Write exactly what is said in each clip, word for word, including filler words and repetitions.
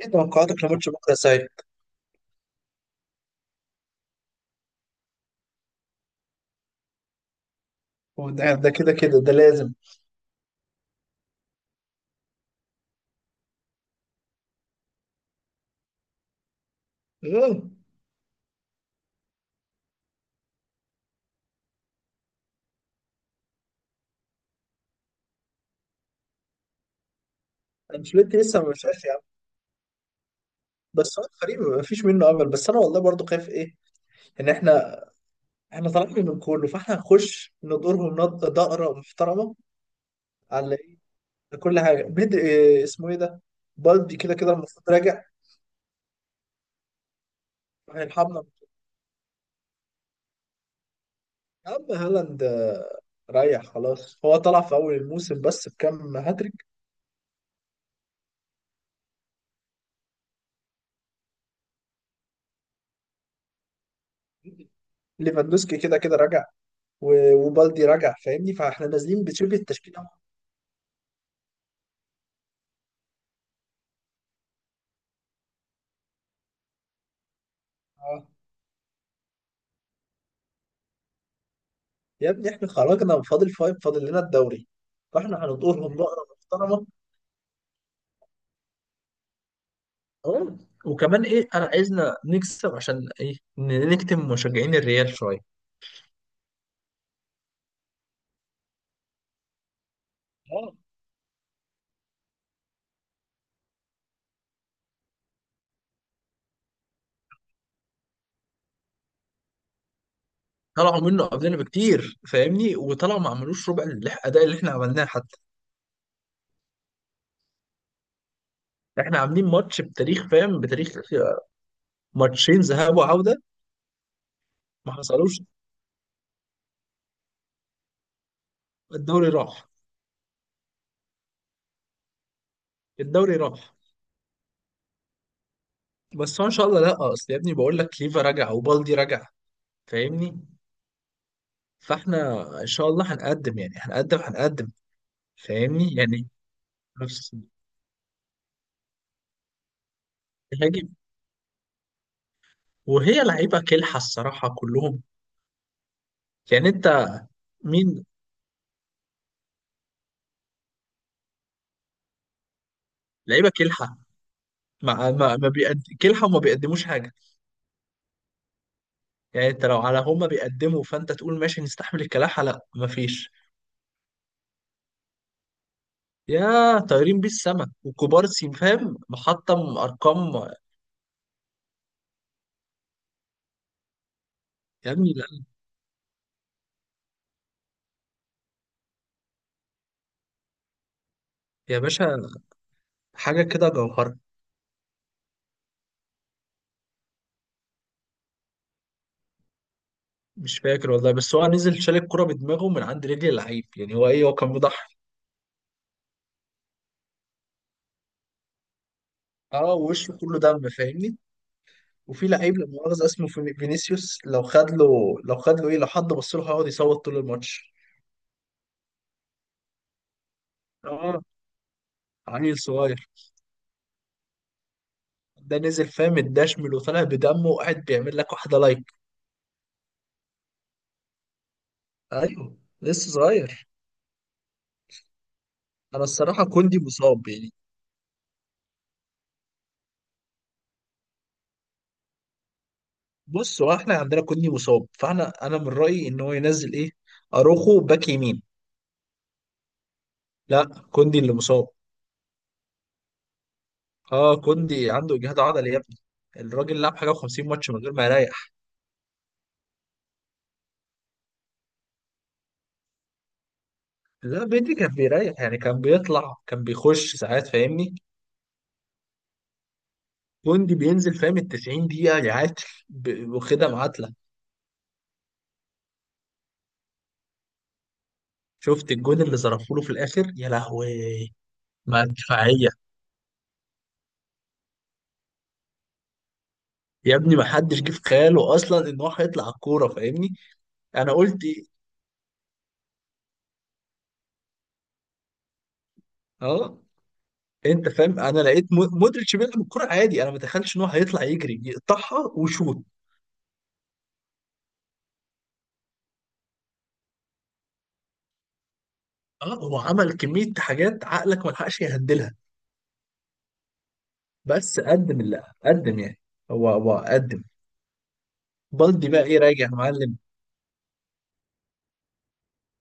ايه توقعاتك لماتش بكره ساي؟ هو ده ده كده كده ده لازم. اه. انشيلوتي لسه ما مشاش يا عم. بس هو الفريق ما فيش منه امل، بس انا والله برضو خايف ايه، ان احنا احنا طالعين من كله، فاحنا هنخش ندورهم نض- دقره محترمه على ايه. كل حاجه بدري، إيه اسمه ايه ده، بالدي كده كده المفروض راجع. هيرحمنا، يا عم هالاند آه، ريح خلاص، هو طلع في اول الموسم بس بكام هاتريك. ليفاندوسكي كده كده راجع، و- وبالدي راجع فاهمني، فاحنا نازلين بشبه التشكيله. آه. يا ابني احنا خرجنا، فاضل فايف، فاضل لنا الدوري، فاحنا هنطورهم بقرة محترمة. اه، وكمان ايه، انا عايزنا نكسب عشان ايه، ن- نكتم مشجعين الريال شوية. اه، طلعوا منه قبلنا بكتير فاهمني، وطلعوا ما عملوش ربع الاداء اللي احنا عملناه حتى. احنا عاملين ماتش بتاريخ فاهم، بتاريخ، ماتشين ذهاب وعودة ما حصلوش. الدوري راح. الدوري راح. بس هو ان شاء الله لا، اصل يا ابني بقول لك كليفا رجع وبالدي رجع فاهمني، فاحنا ان شاء الله هنقدم يعني هنقدم هنقدم. فاهمني يعني. نفس الهاجم. وهي لعيبه كلحه الصراحه كلهم يعني. انت مين؟ لعيبه كلحه، مع ما ما بيقد... كلحه وما بيقدموش حاجه. يعني انت لو على هما بيقدموا فانت تقول ماشي نستحمل الكلاحه، لا مفيش. يا طايرين بيه السما، وكوبارسي فاهم محطم ارقام. يا ابني لا، يا باشا، حاجه كده جوهره. مش فاكر والله، بس هو نزل شال الكرة بدماغه من عند رجل اللعيب يعني، هو ايه، هو كان مضحي. اه، ووشه كله دم فاهمني. وفي لعيب لا مؤاخذة اسمه فيني- فينيسيوس، لو خد له، لو خد له ايه، لو حد بص له هيقعد يصوت طول الماتش. اه. عيل صغير ده، نزل فاهم الدشمل وطلع بدمه وقاعد بيعمل لك واحدة لايك. ايوه لسه صغير. انا الصراحة كوندي مصاب يعني. بص هو احنا عندنا كوندي مصاب، فاحنا انا من رأيي ان هو ينزل ايه، اروخو باك يمين. لا، كوندي اللي مصاب. اه، كوندي عنده اجهاد عضلي يا ابني، الراجل لعب حاجة و50 ماتش من غير ما يريح. لا بدري كان بيريح يعني، كان بيطلع كان بيخش ساعات فاهمني. جندي بينزل فاهم ال تسعين دقيقة يعاد، ب- واخدها معادلة. شفت الجون اللي ظرفوا له في الآخر، يا لهوي. ما دفاعية. يا ابني ما حدش جه في خياله أصلا إن هو هيطلع على الكورة فاهمني. أنا قلت إيه؟ أه. أنت فاهم، أنا لقيت مو- مودريتش بيلعب الكورة عادي، أنا ما تخيلش إن هو هيطلع يجري يقطعها وشوط. أه، هو عمل كمية حاجات عقلك ما لحقش يهندلها. بس قدم اللي قدم يعني. هو هو قدم. بالدي بقى ايه، راجع يا معلم.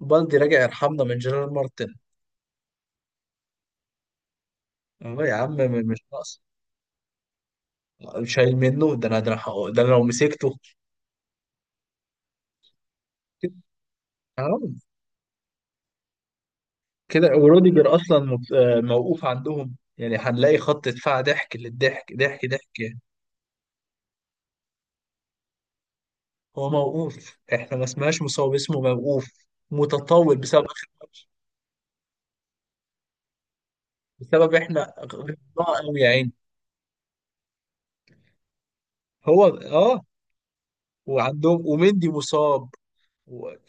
بالدي راجع، يرحمنا من جيرار مارتن. اه يا عم، م- مش ناقص. مش شايل منه، ده انا ده انا هق- ده أنا لو مسكته كده، حرام. كده وروديجر اصلا مت- آه، موقوف عندهم، يعني هنلاقي خط دفاع ضحك للضحك ضحك ضحك يعني. هو موقوف احنا ما اسمهاش مصاب، اسمه موقوف، متطاول بسبب اخر ماتش، بسبب احنا غلطنا قوي يا عيني. هو اه. وعندهم ومندي مصاب،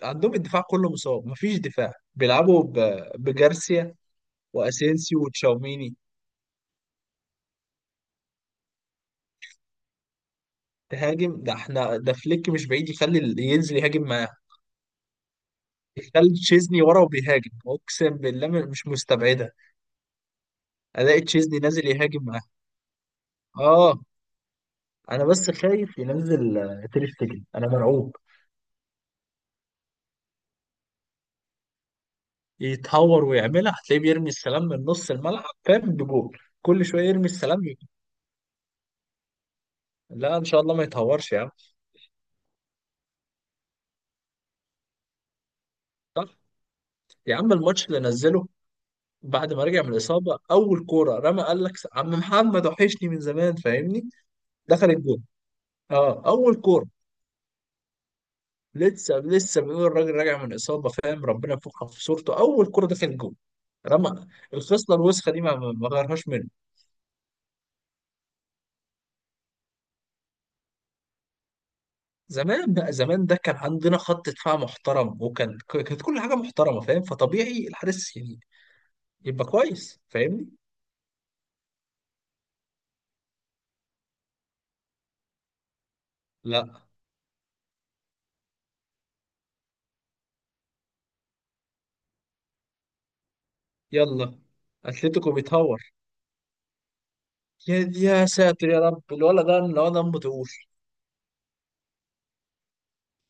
عندهم الدفاع كله مصاب مفيش دفاع، بيلعبوا ب- بجارسيا واسينسيو وتشاوميني. تهاجم؟ ده احنا ده فليك مش بعيد يخلي ال- ينزل يهاجم معاه، يخلي تشيزني ورا وبيهاجم، اقسم بالله م- مش مستبعده الاقي تشيزني نازل يهاجم معاه. اه. انا بس خايف ينزل آه، تير شتيجن، انا مرعوب يتهور ويعملها، هتلاقيه بيرمي السلام من نص الملعب فاهم، بجول، كل شويه يرمي السلام يجي. لا ان شاء الله ما يتهورش يا عم. صح. يا عم الماتش اللي نزله بعد ما رجع من الإصابة، أول كورة رمى، قال لك عم محمد وحشني من زمان فاهمني. دخلت جول. أه، أول كورة. لسه لسه بيقول الراجل راجع من إصابة فاهم، ربنا يفكها في صورته، أول كورة دخلت جول. رمى. الخصلة الوسخة دي ما ما ما غيرهاش منه. زمان بقى زمان، ده كان عندنا خط دفاع محترم، وكان ك- كانت كل حاجة محترمة فاهم، فطبيعي الحارس يعني يبقى كويس فاهمني. لا. يلا. أتلتيكو بيتهور. يا يا ساتر يا رب، الولد ده، الولد دمه تقيل.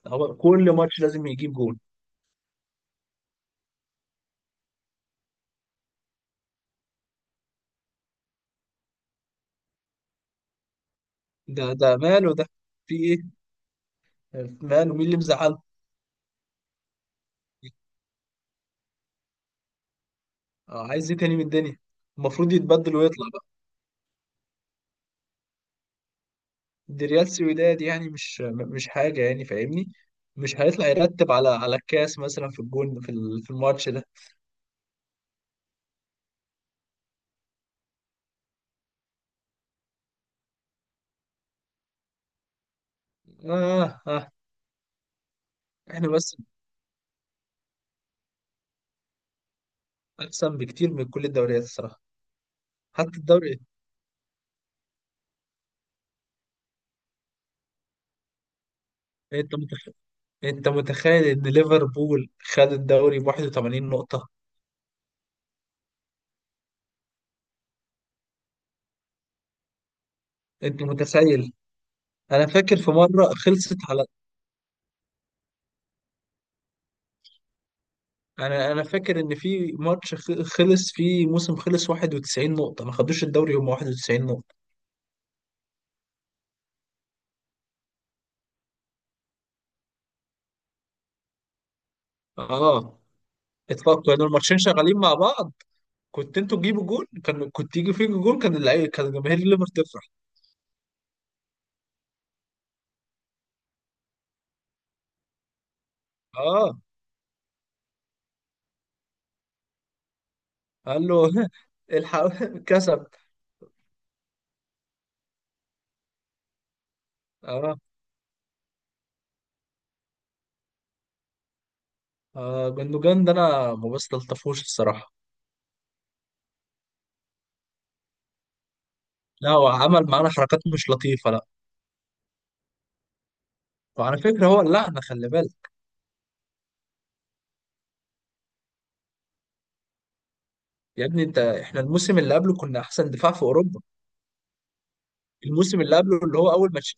هو كل ماتش لازم يجيب جول. ده ده ماله ده، في ايه، ماله، مين اللي مزعله؟ آه، عايز ايه تاني من الدنيا؟ المفروض يتبدل ويطلع بقى. دي ريال سويداد يعني مش م- مش حاجة يعني فاهمني. مش هيطلع يرتب على على الكاس مثلا في الجون، في ال- في الماتش ده. آه آه. احنا بس، احسن بكتير من كل الدوريات الصراحة. حتى الدوري، انت متخيل، انت متخيل ان ليفربول خد الدوري ب واحد وثمانين نقطة؟ انت متخيل؟ انا فاكر في مرة خلصت، انا انا فاكر ان في ماتش خ- خلص فيه موسم، خلص واحد وتسعين نقطة ما خدوش الدوري، هم واحد وتسعين نقطة. اه. اطلاق كانوا الماتشين شغالين مع بعض. كنت انتوا تجيبوا جول كان، كنت يجي فيكوا جول كان، اللعيبة كان، جماهير الليفر تفرح. اه، قال له الحق كسب. اه. اه جندوجان ده انا ما بستلطفوش الصراحة. لا هو عمل معانا حركات مش لطيفة، لا. وعلى فكرة هو اللعنة، خلي بالك. يا ابني انت، احنا الموسم اللي قبله كنا احسن دفاع في اوروبا. الموسم اللي قبله، اللي هو اول ماتش،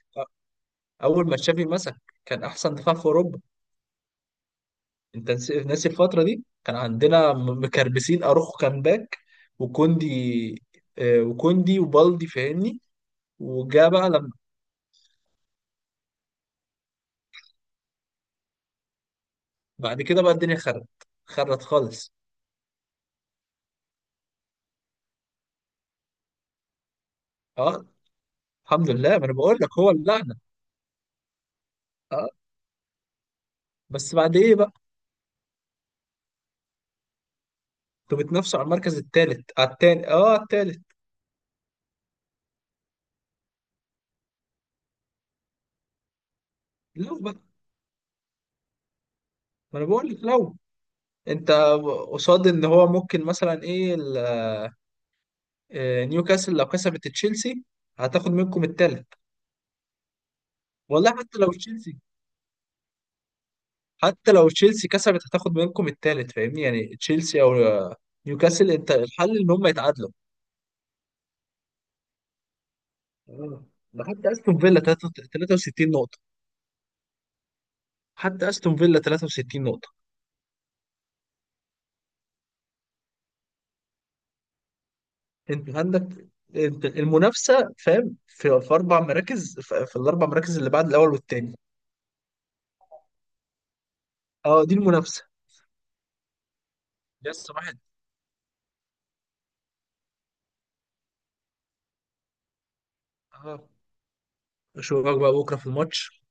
اول ما تشافي مسك، كان احسن دفاع في اوروبا. انت نس- ناسي الفتره دي، كان عندنا م- مكربسين، اروخو كان باك، وكوندي، آه، وكوندي وبالدي فاهمني. وجا بقى لما. بعد كده بقى الدنيا خرت. خرت خالص. اه. الحمد لله، ما انا بقول لك هو اللعنه. اه. بس بعد ايه بقى. انتوا بتنافسوا على المركز الثالث على الثاني؟ اه على الثالث. لو بقى، ما انا بقول لك لو. انت قصاد ان هو ممكن مثلا ايه ال- آه، نيوكاسل لو كسبت تشيلسي هتاخد منكم الثالث. والله حتى لو تشيلسي، حتى لو تشيلسي كسبت هتاخد منكم التالت فاهمني، يعني تشيلسي او نيوكاسل، انت الحل ان هم يتعادلوا. آه. ده حتى استون فيلا تلاتة- ثلاثة وستين نقطة. حتى استون فيلا ثلاثة وستين نقطة. انت عندك، انت المنافسة فاهم في, في اربع مراكز، في, في الاربع مراكز اللي بعد الاول والتاني. اه دي المنافسة. لسه واحد. اه. اشوفك بقى بكرة في الماتش.